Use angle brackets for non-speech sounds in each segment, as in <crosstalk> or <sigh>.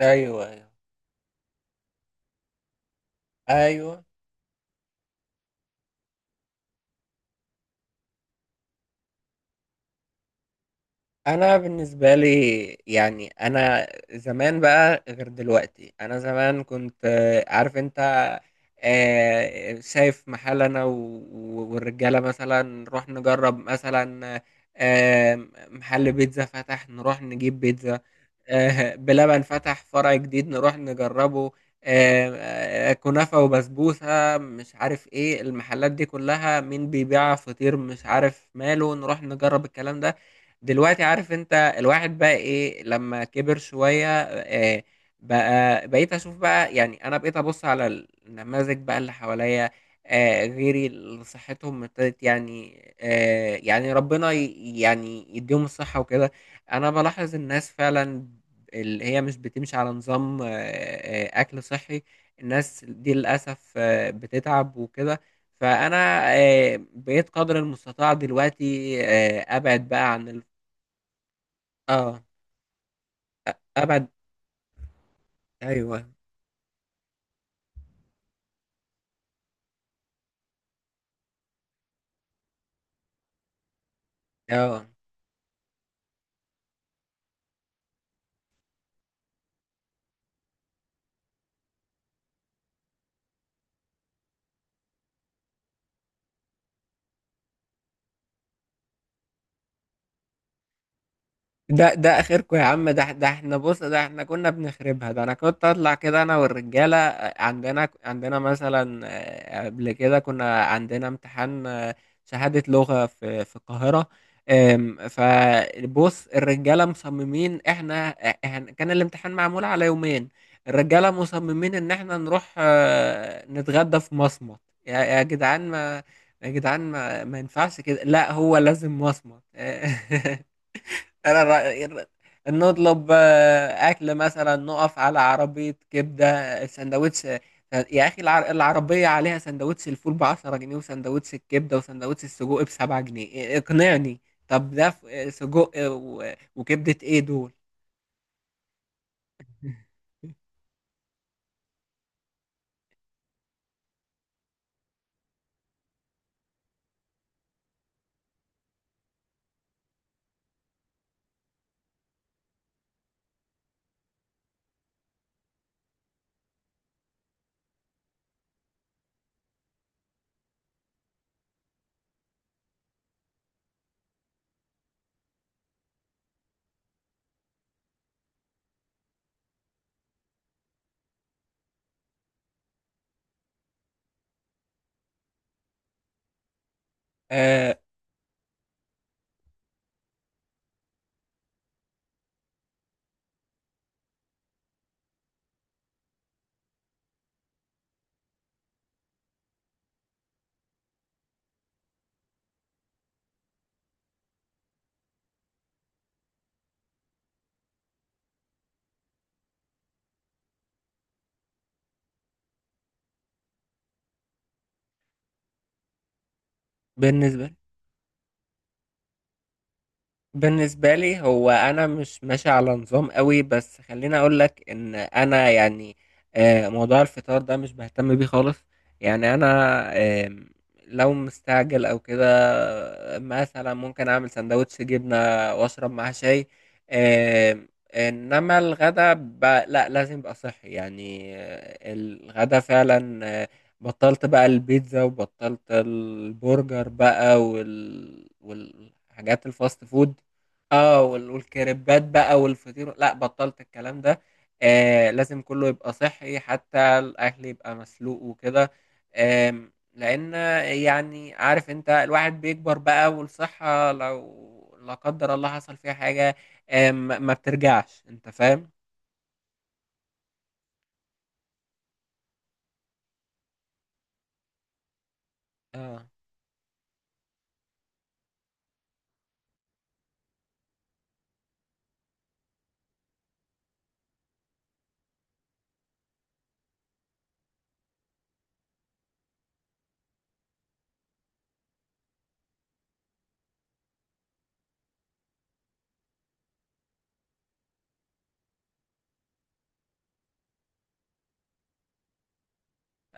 ايوه، ايوه، ايوه. انا بالنسبه لي، يعني انا زمان بقى غير دلوقتي. انا زمان كنت عارف انت، شايف محل، انا والرجاله مثلا نروح نجرب، مثلا آه، محل بيتزا فتح نروح نجيب بيتزا، بلبن فتح فرع جديد نروح نجربه، آه، كنافة وبسبوسة، مش عارف ايه المحلات دي كلها، مين بيبيع فطير مش عارف ماله، نروح نجرب الكلام ده. دلوقتي عارف انت الواحد بقى ايه لما كبر شوية، بقى بقيت اشوف بقى. يعني انا بقيت ابص على النماذج بقى اللي حواليا، غيري اللي صحتهم ابتدت، يعني يعني ربنا يعني يديهم الصحة وكده. انا بلاحظ الناس فعلا اللي هي مش بتمشي على نظام أكل صحي، الناس دي للأسف بتتعب وكده. فأنا بقيت قدر المستطاع دلوقتي، أبعد بقى عن ال... آه. أبعد. أيوه. آه. ده اخركم يا عم، ده احنا، بص، ده احنا كنا بنخربها، ده انا كنت اطلع كده انا والرجاله، عندنا مثلا قبل كده كنا عندنا امتحان، شهاده لغه في القاهره. فبص الرجاله مصممين احنا، كان الامتحان معمول على يومين. الرجاله مصممين ان احنا نروح نتغدى في مصمت. يا يا جدعان ما يا جدعان ما ينفعش كده، لا هو لازم مصمت <laughs> أنا الر- نطلب أكل، مثلا نقف على عربية كبدة سندوتش، يا أخي العربية عليها سندوتش الفول بـ10 جنيه، وسندوتش الكبدة وسندوتش السجق بـ7 جنيه، إيه، اقنعني. طب ده سجق وكبدة، إيه دول؟ آه. بالنسبة بالنسبة لي، هو أنا مش ماشي على نظام قوي، بس خليني أقول لك إن أنا يعني موضوع الفطار ده مش بهتم بيه خالص. يعني أنا، آه، لو مستعجل أو كده، مثلا ممكن أعمل سندوتش جبنة وأشرب معاه شاي. آه، إنما الغدا، لا، لازم يبقى صحي. يعني الغدا فعلا، بطلت بقى البيتزا وبطلت البرجر بقى وال... والحاجات الفاست فود. اه والكريبات بقى والفطير، لا، بطلت الكلام ده. آه، لازم كله يبقى صحي، حتى الاكل يبقى مسلوق وكده. لان يعني عارف انت الواحد بيكبر بقى، والصحة لو لا قدر الله حصل فيها حاجة ما بترجعش، انت فاهم. اه.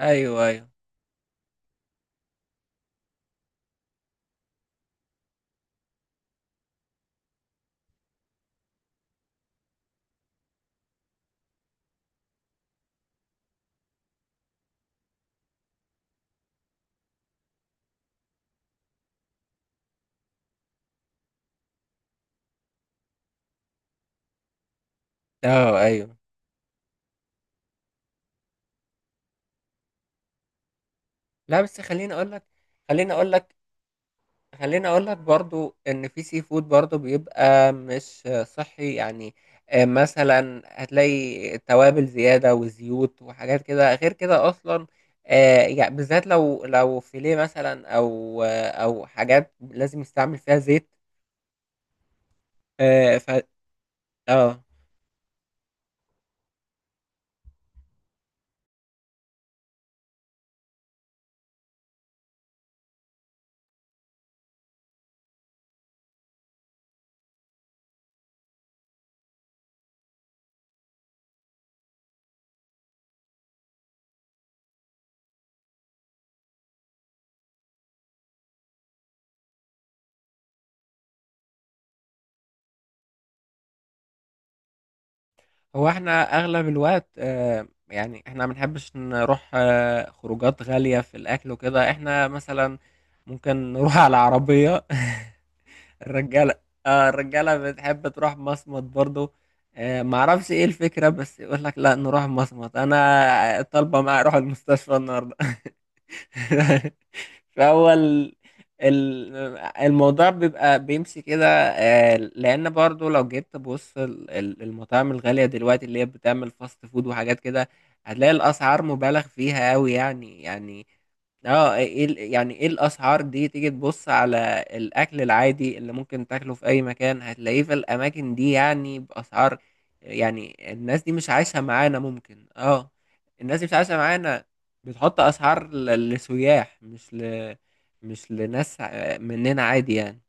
ايوه. ايوه. اه. ايوه. لا، بس خليني اقول لك خلّيني أقول لك برضه إن في sea food برضه بيبقى مش صحّي، يعني مثلًا هتلاقي توابل زيادة وزيوت وحاجات كده، غير كده أصلًا يع بالذات لو فيليه مثلًا، أو أو حاجات لازم يستعمل فيها زيت. ف آه. هو إحنا أغلب الوقت يعني إحنا ما بنحبّش نروح خروجات غالية في الأكل وكده، إحنا مثلًا ممكن نروح على عربية <laughs> الرجاله اه الرجاله بتحب تروح مصمت برضو. آه، معرفش ايه الفكره، بس يقول لك لا نروح مصمت، انا طالبه معايا اروح المستشفى النهارده <laughs> <laughs> فهو ال- الموضوع بيبقى بيمشي كده، لان برضو لو جيت تبص المطاعم الغاليه دلوقتي اللي هي بتعمل فاست فود وحاجات كده، هتلاقي الاسعار مبالغ فيها قوي. يعني اه، يعني ايه الاسعار دي؟ تيجي تبص على الاكل العادي اللي ممكن تاكله في اي مكان هتلاقيه في الاماكن دي، يعني باسعار، يعني الناس دي مش عايشه معانا، ممكن. اه. الناس دي مش عايشه معانا. بتحط اسعار لسياح، مش ل... مش لناس مننا عادي يعني.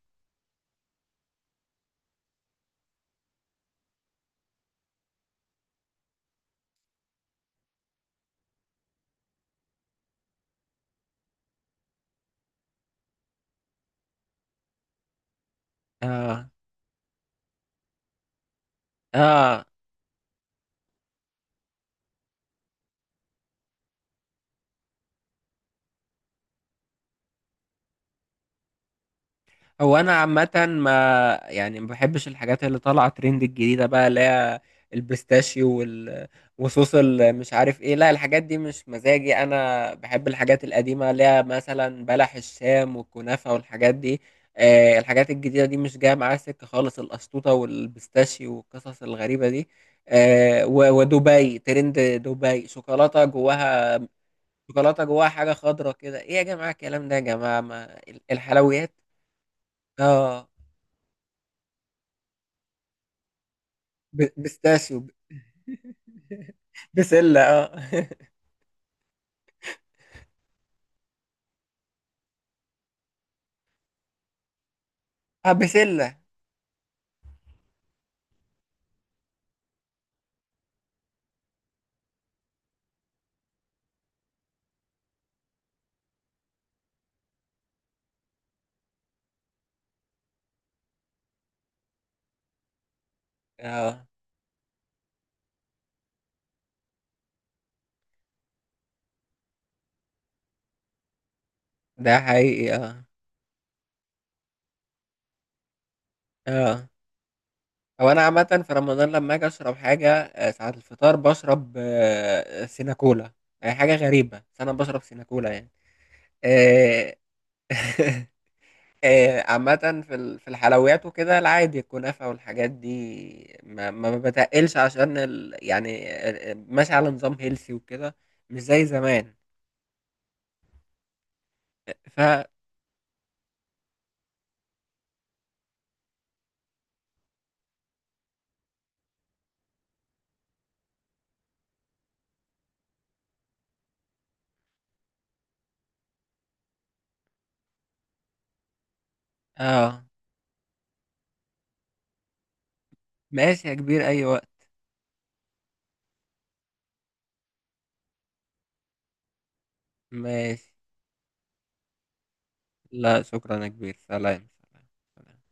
اه. اه. هو انا عامه ما يعني ما بحبش الحاجات اللي طالعه ترند الجديده بقى، اللي هي البيستاشيو وال... وصوص مش عارف ايه، لا الحاجات دي مش مزاجي، انا بحب الحاجات القديمه اللي هي مثلا بلح الشام والكنافه والحاجات دي. آه، الحاجات الجديده دي مش جايه معايا سكه خالص، الاسطوطه والبيستاشيو والقصص الغريبه دي. آه ودبي، ترند دبي شوكولاته جواها، شوكولاته جواها حاجه خضراء كده، ايه يا جماعه الكلام ده، يا جماعه ما الحلويات. اه، بيستاشيو، بسلة اه <laughs> اه، بسلة. اه، ده حقيقي. اه. اه، هو انا عامة في رمضان لما اجي اشرب حاجة ساعة الفطار بشرب سيناكولا. هي حاجة غريبة بس انا بشرب سيناكولا يعني آه، <laughs> عامة في في الحلويات وكده، العادي الكنافة والحاجات دي ما بتقلش عشان ال... يعني ماشي على نظام هيلسي وكده، مش زي زمان. ف اه ماشي يا كبير، ايوه. ماشي. لا، شكرا يا كبير، سلام سلام. سلام.